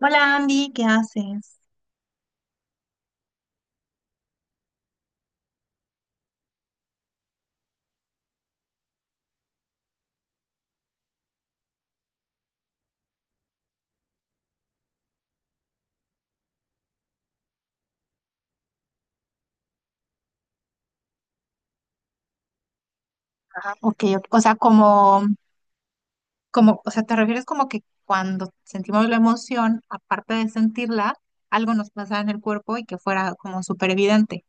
Hola, Andy, ¿qué haces? Ajá. Ok, ok, o sea, como, como, o sea, te refieres como que cuando sentimos la emoción, aparte de sentirla, algo nos pasa en el cuerpo y que fuera como súper evidente.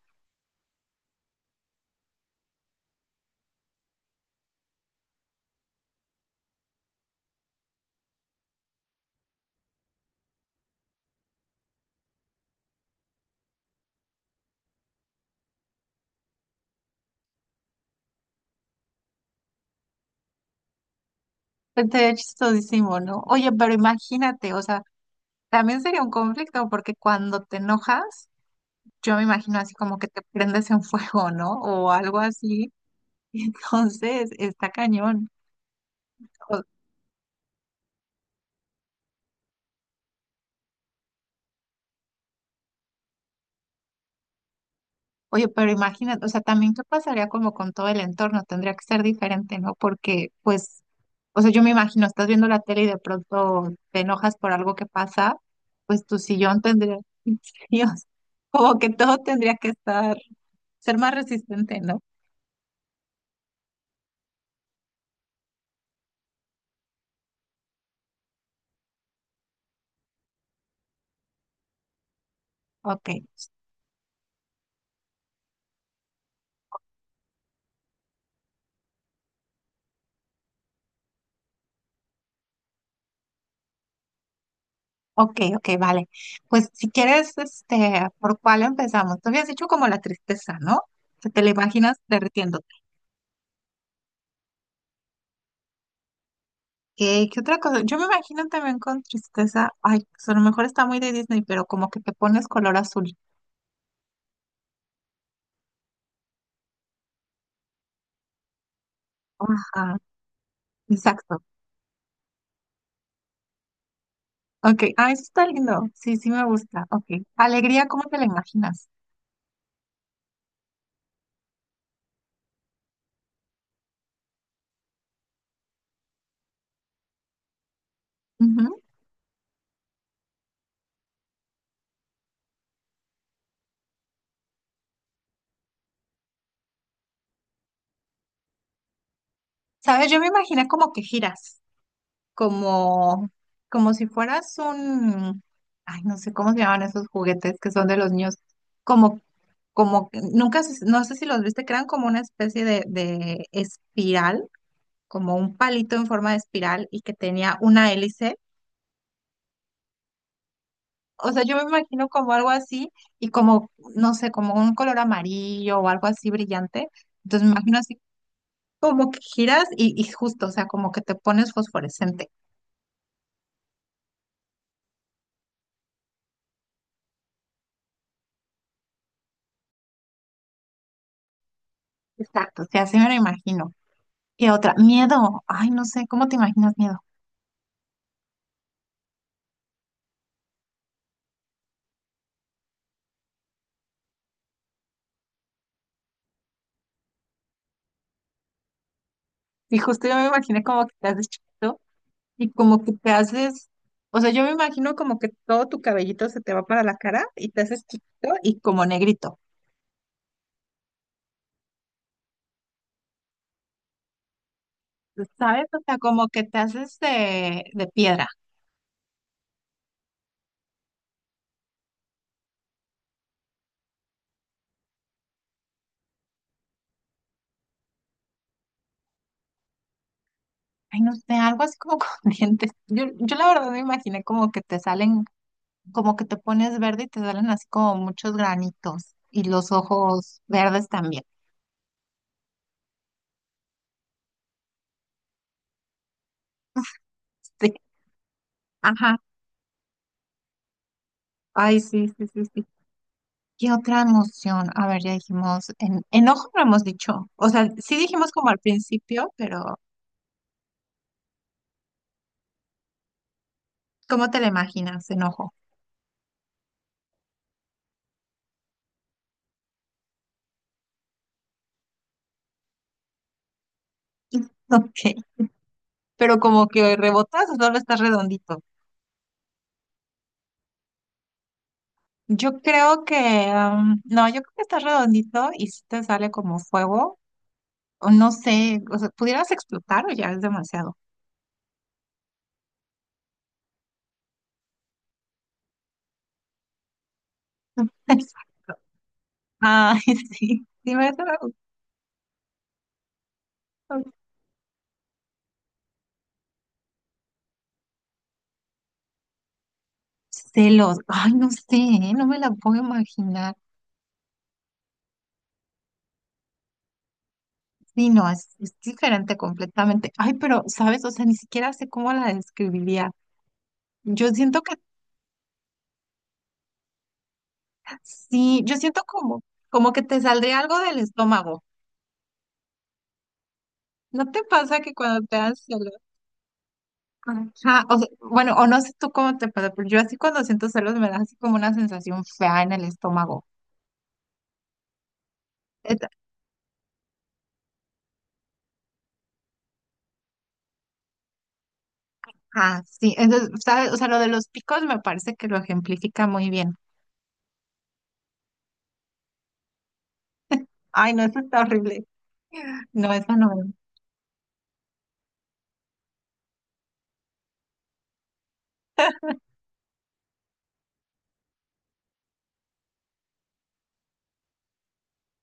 Este es chistosísimo, ¿no? Oye, pero imagínate, o sea, también sería un conflicto porque cuando te enojas, yo me imagino así como que te prendes en fuego, ¿no? O algo así. Entonces, está cañón. Oye, pero imagínate, o sea, también qué pasaría como con todo el entorno, tendría que ser diferente, ¿no? Porque, pues, o sea, yo me imagino, estás viendo la tele y de pronto te enojas por algo que pasa, pues tu sillón tendría, Dios, como que todo tendría que estar, ser más resistente, ¿no? Ok, ok, ok, vale. Pues si quieres, este, ¿por cuál empezamos? Tú habías dicho como la tristeza, ¿no? Que te la imaginas derritiéndose. ¿Qué, qué otra cosa? Yo me imagino también con tristeza, ay, pues a lo mejor está muy de Disney, pero como que te pones color azul. Ajá, exacto. Ok, ah, eso está lindo. Sí, sí me gusta. Ok. Alegría, ¿cómo te la imaginas? Ujú. ¿Sabes? Yo me imaginé como que giras, como, como si fueras un, ay, no sé cómo se llaman esos juguetes que son de los niños, como, como, que- nunca, se- no sé si los viste, crean como una especie de espiral como un palito en forma de espiral y que tenía una hélice. O sea, yo me imagino como algo así y como, no sé, como un color amarillo o algo así brillante. Entonces me imagino así como que giras y justo, o sea, como que te pones fosforescente. Exacto, o sea, así me lo imagino. Y otra, miedo. Ay, no sé, ¿cómo te imaginas miedo? Y justo yo me imaginé como que te haces chiquito y como que te haces, o sea, yo me imagino como que todo tu cabellito se te va para la cara y te haces chiquito y como negrito. ¿Sabes? O sea, como que te haces de piedra. Ay, no sé, algo así como con dientes. Yo, la verdad me imaginé como que te salen, como que te pones verde y te salen así como muchos granitos y los ojos verdes también. Sí. Ajá. Ay, sí, sí, sí, sí. ¿Qué otra emoción? A ver, ya dijimos, enojo no hemos dicho. O sea, sí dijimos como al principio, pero ¿cómo te la imaginas, enojo? Ok. Pero como que rebotas o solo estás redondito. Yo creo que, no, yo creo que está redondito y si te sale como fuego, o no sé, o sea, pudieras explotar o ya es demasiado. Exacto. Ay, sí, celos. Ay, no sé, ¿eh? No me la puedo imaginar. Sí, no, es diferente completamente. Ay, pero, ¿sabes? O sea, ni siquiera sé cómo la describiría. Yo siento que sí, yo siento como, como que te saldría algo del estómago. ¿No te pasa que cuando te das celos? Ajá, o sea, bueno, o no sé tú cómo te pasa, pero yo así cuando siento celos me da así como una sensación fea en el estómago. Et- Ah, sí, entonces, ¿sabes? O sea, lo de los picos me parece que lo ejemplifica muy bien. Ay, no, eso está horrible. No, esa no.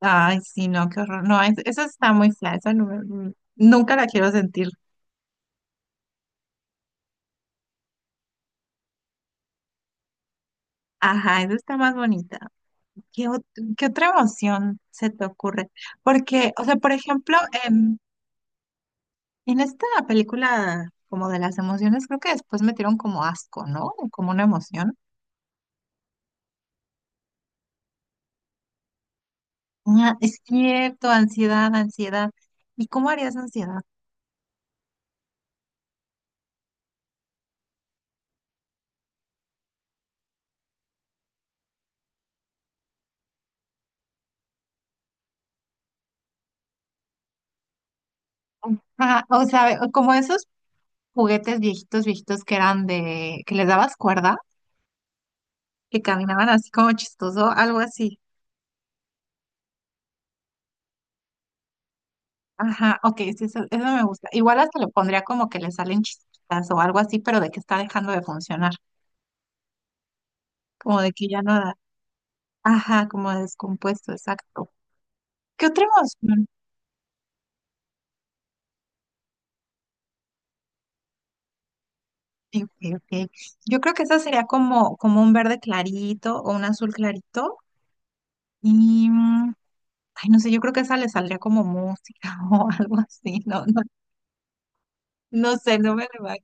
Ay, sí, no, qué horror. No, esa está muy fea, esa no me- nunca la quiero sentir. Ajá, esa está más bonita. ¿Qué, ot- ¿Qué otra emoción se te ocurre? Porque, o sea, por ejemplo, em, en esta película, como de las emociones, creo que después metieron como asco, ¿no? Como una emoción. Ah, es cierto, ansiedad, ansiedad. ¿Y cómo harías ansiedad? Ajá, o sea, como esos juguetes viejitos, viejitos que eran de, que les dabas cuerda, que caminaban así como chistoso, algo así. Ajá, ok, sí, eso me gusta. Igual hasta le pondría como que le salen chispitas o algo así, pero de que está dejando de funcionar, como de que ya no da. Ajá, como descompuesto, exacto. ¿Qué otra emoción? Sí, sí, sí. Yo creo que esa sería como, como un verde clarito o un azul clarito. Y, mm, ay, no sé, yo creo que esa le saldría como música o algo así. No, no, no sé, no me la va.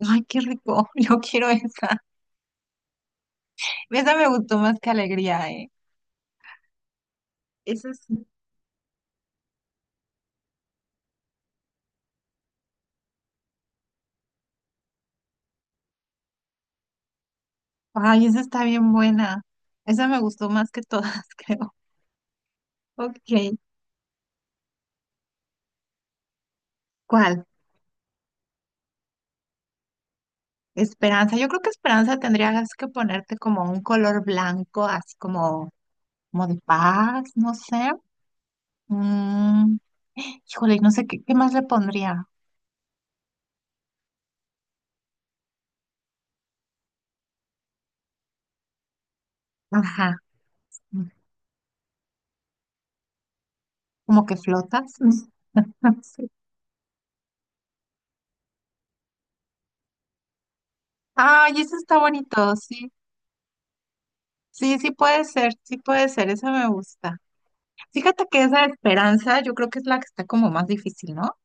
Ay, qué rico. Yo quiero esa. Esa me gustó más que alegría, ¿eh? Esa es, ay, esa está bien buena. Esa me gustó más que todas, creo. Ok. ¿Cuál? Esperanza. Yo creo que esperanza tendrías que ponerte como un color blanco, así como, como de paz, no sé. Mm, híjole, no sé qué, qué más le pondría. Ajá. Como que flotas. Sí. Ay, eso está bonito, sí. Sí, sí puede ser, esa me gusta. Fíjate que esa esperanza yo creo que es la que está como más difícil, ¿no?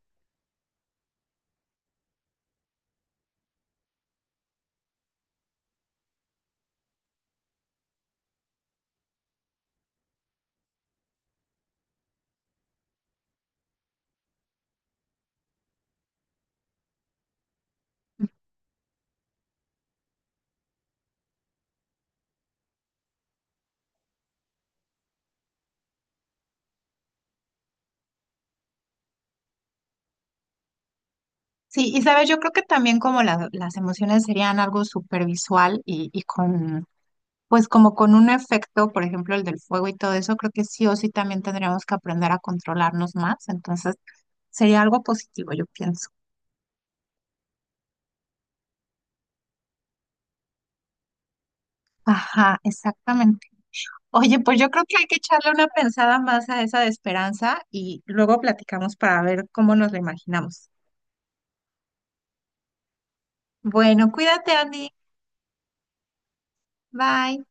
Sí, y sabes, yo creo que también como las emociones serían algo supervisual y con pues como con un efecto, por ejemplo, el del fuego y todo eso, creo que sí o sí también tendríamos que aprender a controlarnos más. Entonces, sería algo positivo, yo pienso. Ajá, exactamente. Oye, pues yo creo que hay que echarle una pensada más a esa de esperanza y luego platicamos para ver cómo nos la imaginamos. Bueno, cuídate, Andy. Bye.